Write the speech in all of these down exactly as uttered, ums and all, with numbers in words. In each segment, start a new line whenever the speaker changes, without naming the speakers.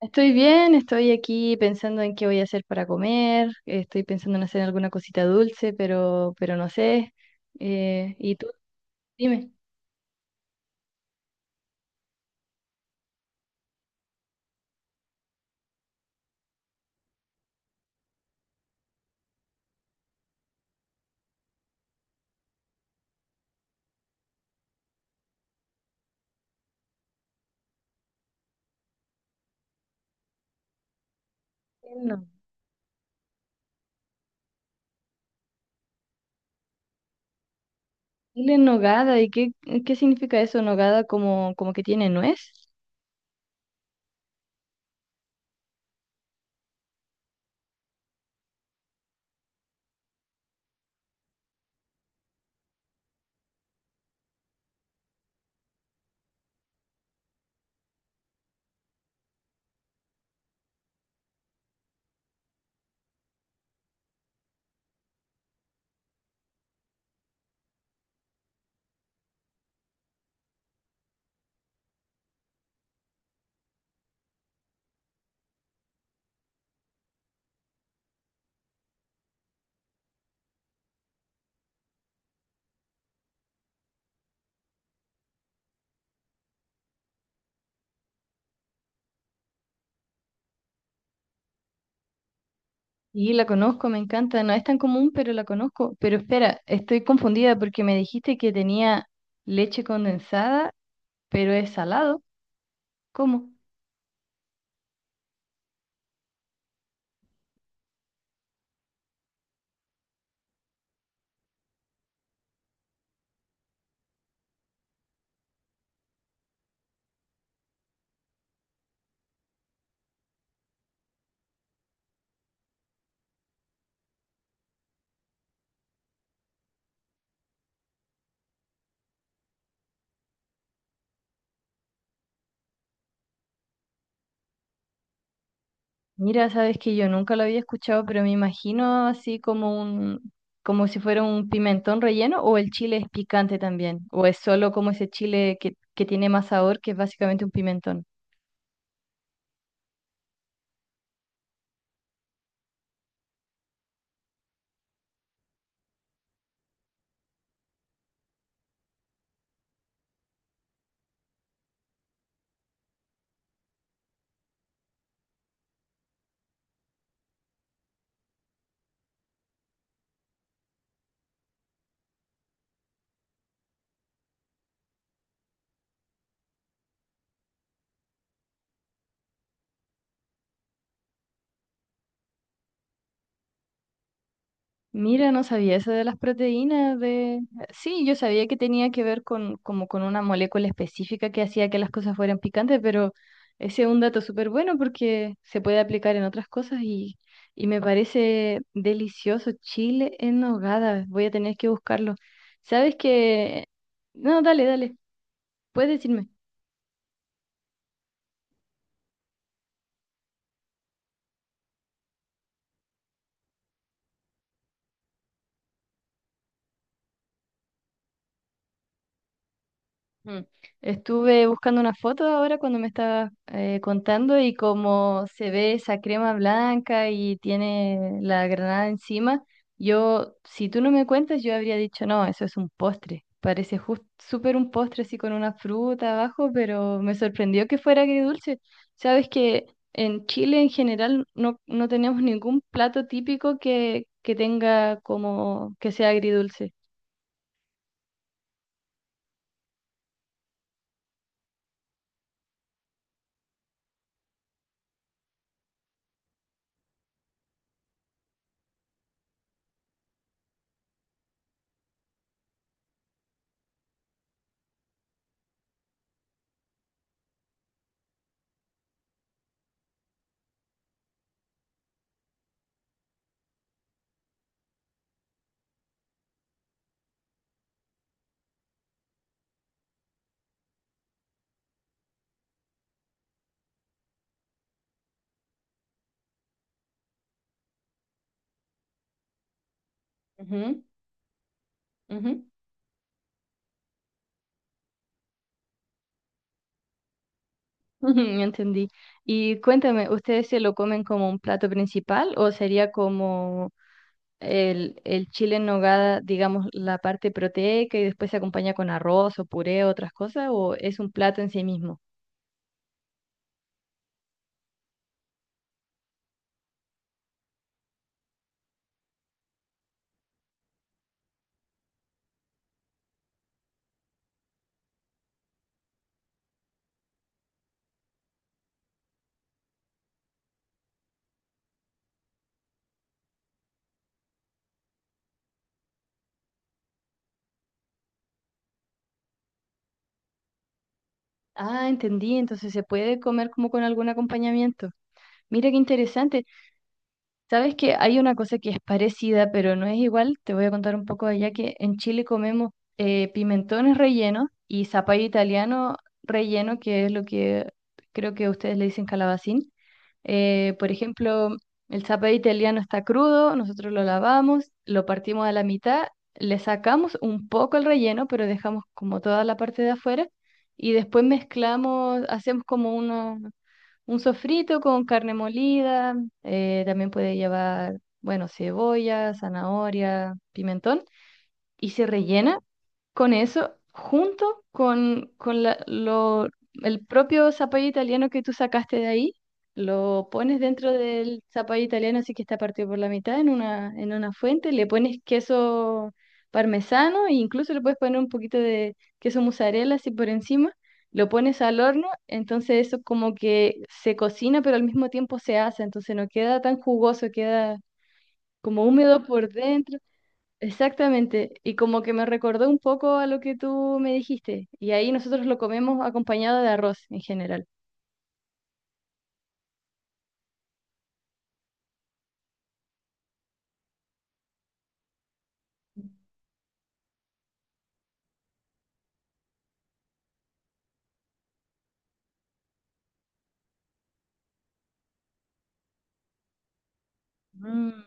Estoy bien, estoy aquí pensando en qué voy a hacer para comer, estoy pensando en hacer alguna cosita dulce, pero, pero no sé. Eh, ¿y tú? Dime. No. Dile nogada, ¿y qué, ¿qué significa eso? ¿Nogada como, como que tiene nuez? Sí, la conozco, me encanta, no es tan común, pero la conozco. Pero espera, estoy confundida porque me dijiste que tenía leche condensada, pero es salado. ¿Cómo? Mira, sabes que yo nunca lo había escuchado, pero me imagino así como un, como si fuera un pimentón relleno, o el chile es picante también, o es solo como ese chile que, que tiene más sabor, que es básicamente un pimentón. Mira, no sabía eso de las proteínas de... Sí, yo sabía que tenía que ver con, como con una molécula específica que hacía que las cosas fueran picantes, pero ese es un dato súper bueno porque se puede aplicar en otras cosas y, y me parece delicioso. Chile en nogada, voy a tener que buscarlo. ¿Sabes qué? No, dale, dale, puedes decirme. Mm. Estuve buscando una foto ahora cuando me estabas eh, contando y como se ve esa crema blanca y tiene la granada encima, yo, si tú no me cuentas, yo habría dicho, no, eso es un postre. Parece justo súper un postre así con una fruta abajo, pero me sorprendió que fuera agridulce. Sabes que en Chile en general no, no tenemos ningún plato típico que, que tenga como que sea agridulce. Ujú, ujú. Ujú, entendí. Y cuéntame, ¿ustedes se lo comen como un plato principal o sería como el, el chile en nogada, digamos, la parte proteica y después se acompaña con arroz o puré o otras cosas o es un plato en sí mismo? Ah, entendí, entonces se puede comer como con algún acompañamiento. Mira qué interesante. Sabes que hay una cosa que es parecida, pero no es igual. Te voy a contar un poco allá que en Chile comemos eh, pimentones rellenos y zapallo italiano relleno, que es lo que creo que ustedes le dicen calabacín. Eh, por ejemplo, el zapallo italiano está crudo, nosotros lo lavamos, lo partimos a la mitad, le sacamos un poco el relleno, pero dejamos como toda la parte de afuera y después mezclamos, hacemos como uno un sofrito con carne molida, eh, también puede llevar, bueno, cebolla, zanahoria, pimentón y se rellena con eso junto con, con la- lo, el propio zapallo italiano que tú sacaste de ahí. Lo pones dentro del zapallo italiano, así que está partido por la mitad en una, en una fuente. Le pones queso parmesano e incluso le puedes poner un poquito de queso mozzarella así por encima. Lo pones al horno, entonces eso como que se cocina, pero al mismo tiempo se hace, entonces no queda tan jugoso, queda como húmedo por dentro. Exactamente, y como que me recordó un poco a lo que tú me dijiste, y ahí nosotros lo comemos acompañado de arroz en general. Mm,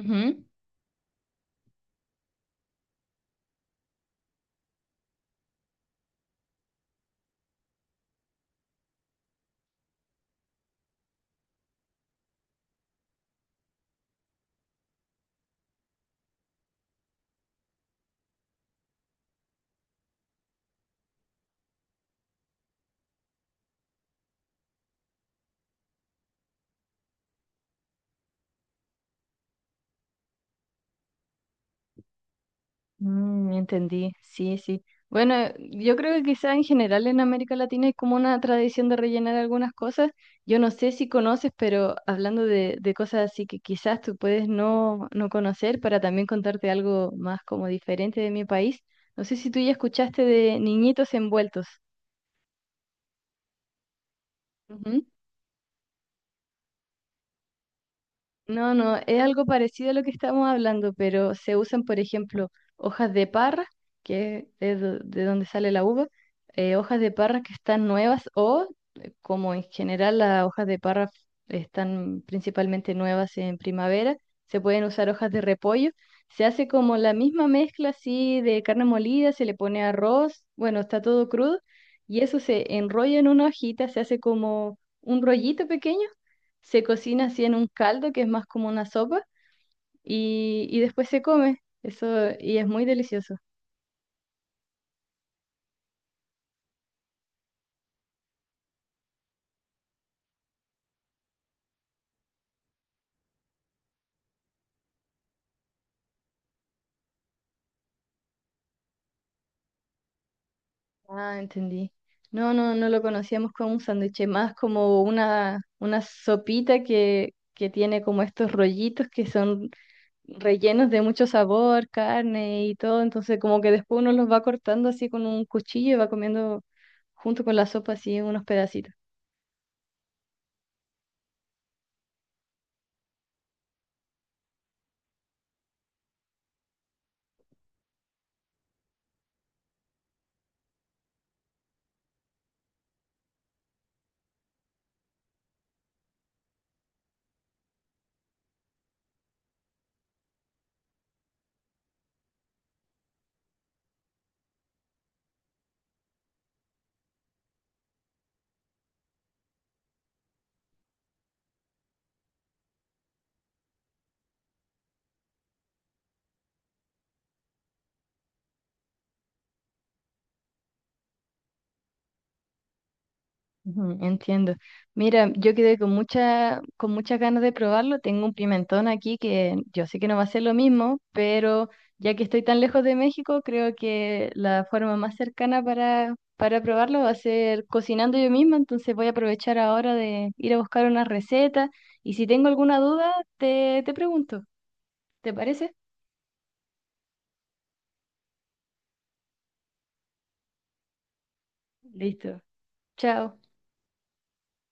ujú. Mm, entendí, sí, sí. Bueno, yo creo que quizá en general en América Latina es como una tradición de rellenar algunas cosas. Yo no sé si conoces, pero hablando de, de cosas así que quizás tú puedes no, no conocer, para también contarte algo más como diferente de mi país. No sé si tú ya escuchaste de niñitos envueltos. No, no, es algo parecido a lo que estamos hablando, pero se usan, por ejemplo, hojas de parra, que es do- de donde sale la uva, eh, hojas de parra que están nuevas o, eh, como en general las hojas de parra están principalmente nuevas en primavera, se pueden usar hojas de repollo. Se hace como la misma mezcla así de carne molida, se le pone arroz, bueno, está todo crudo, y eso se enrolla en una hojita, se hace como un rollito pequeño, se cocina así en un caldo que es más como una sopa y, y después se come. Eso, y es muy delicioso. Ah, entendí. No, no, no lo conocíamos como un sándwich, es más como una, una sopita que, que tiene como estos rollitos que son rellenos de mucho sabor, carne y todo. Entonces, como que después uno los va cortando así con un cuchillo y va comiendo junto con la sopa así unos pedacitos. Ujú, entiendo. Mira, yo quedé con mucha, con muchas ganas de probarlo. Tengo un pimentón aquí que yo sé que no va a ser lo mismo, pero ya que estoy tan lejos de México, creo que la forma más cercana para, para probarlo va a ser cocinando yo misma. Entonces voy a aprovechar ahora de ir a buscar una receta y si tengo alguna duda, te, te pregunto. ¿Te parece? Listo. Chao.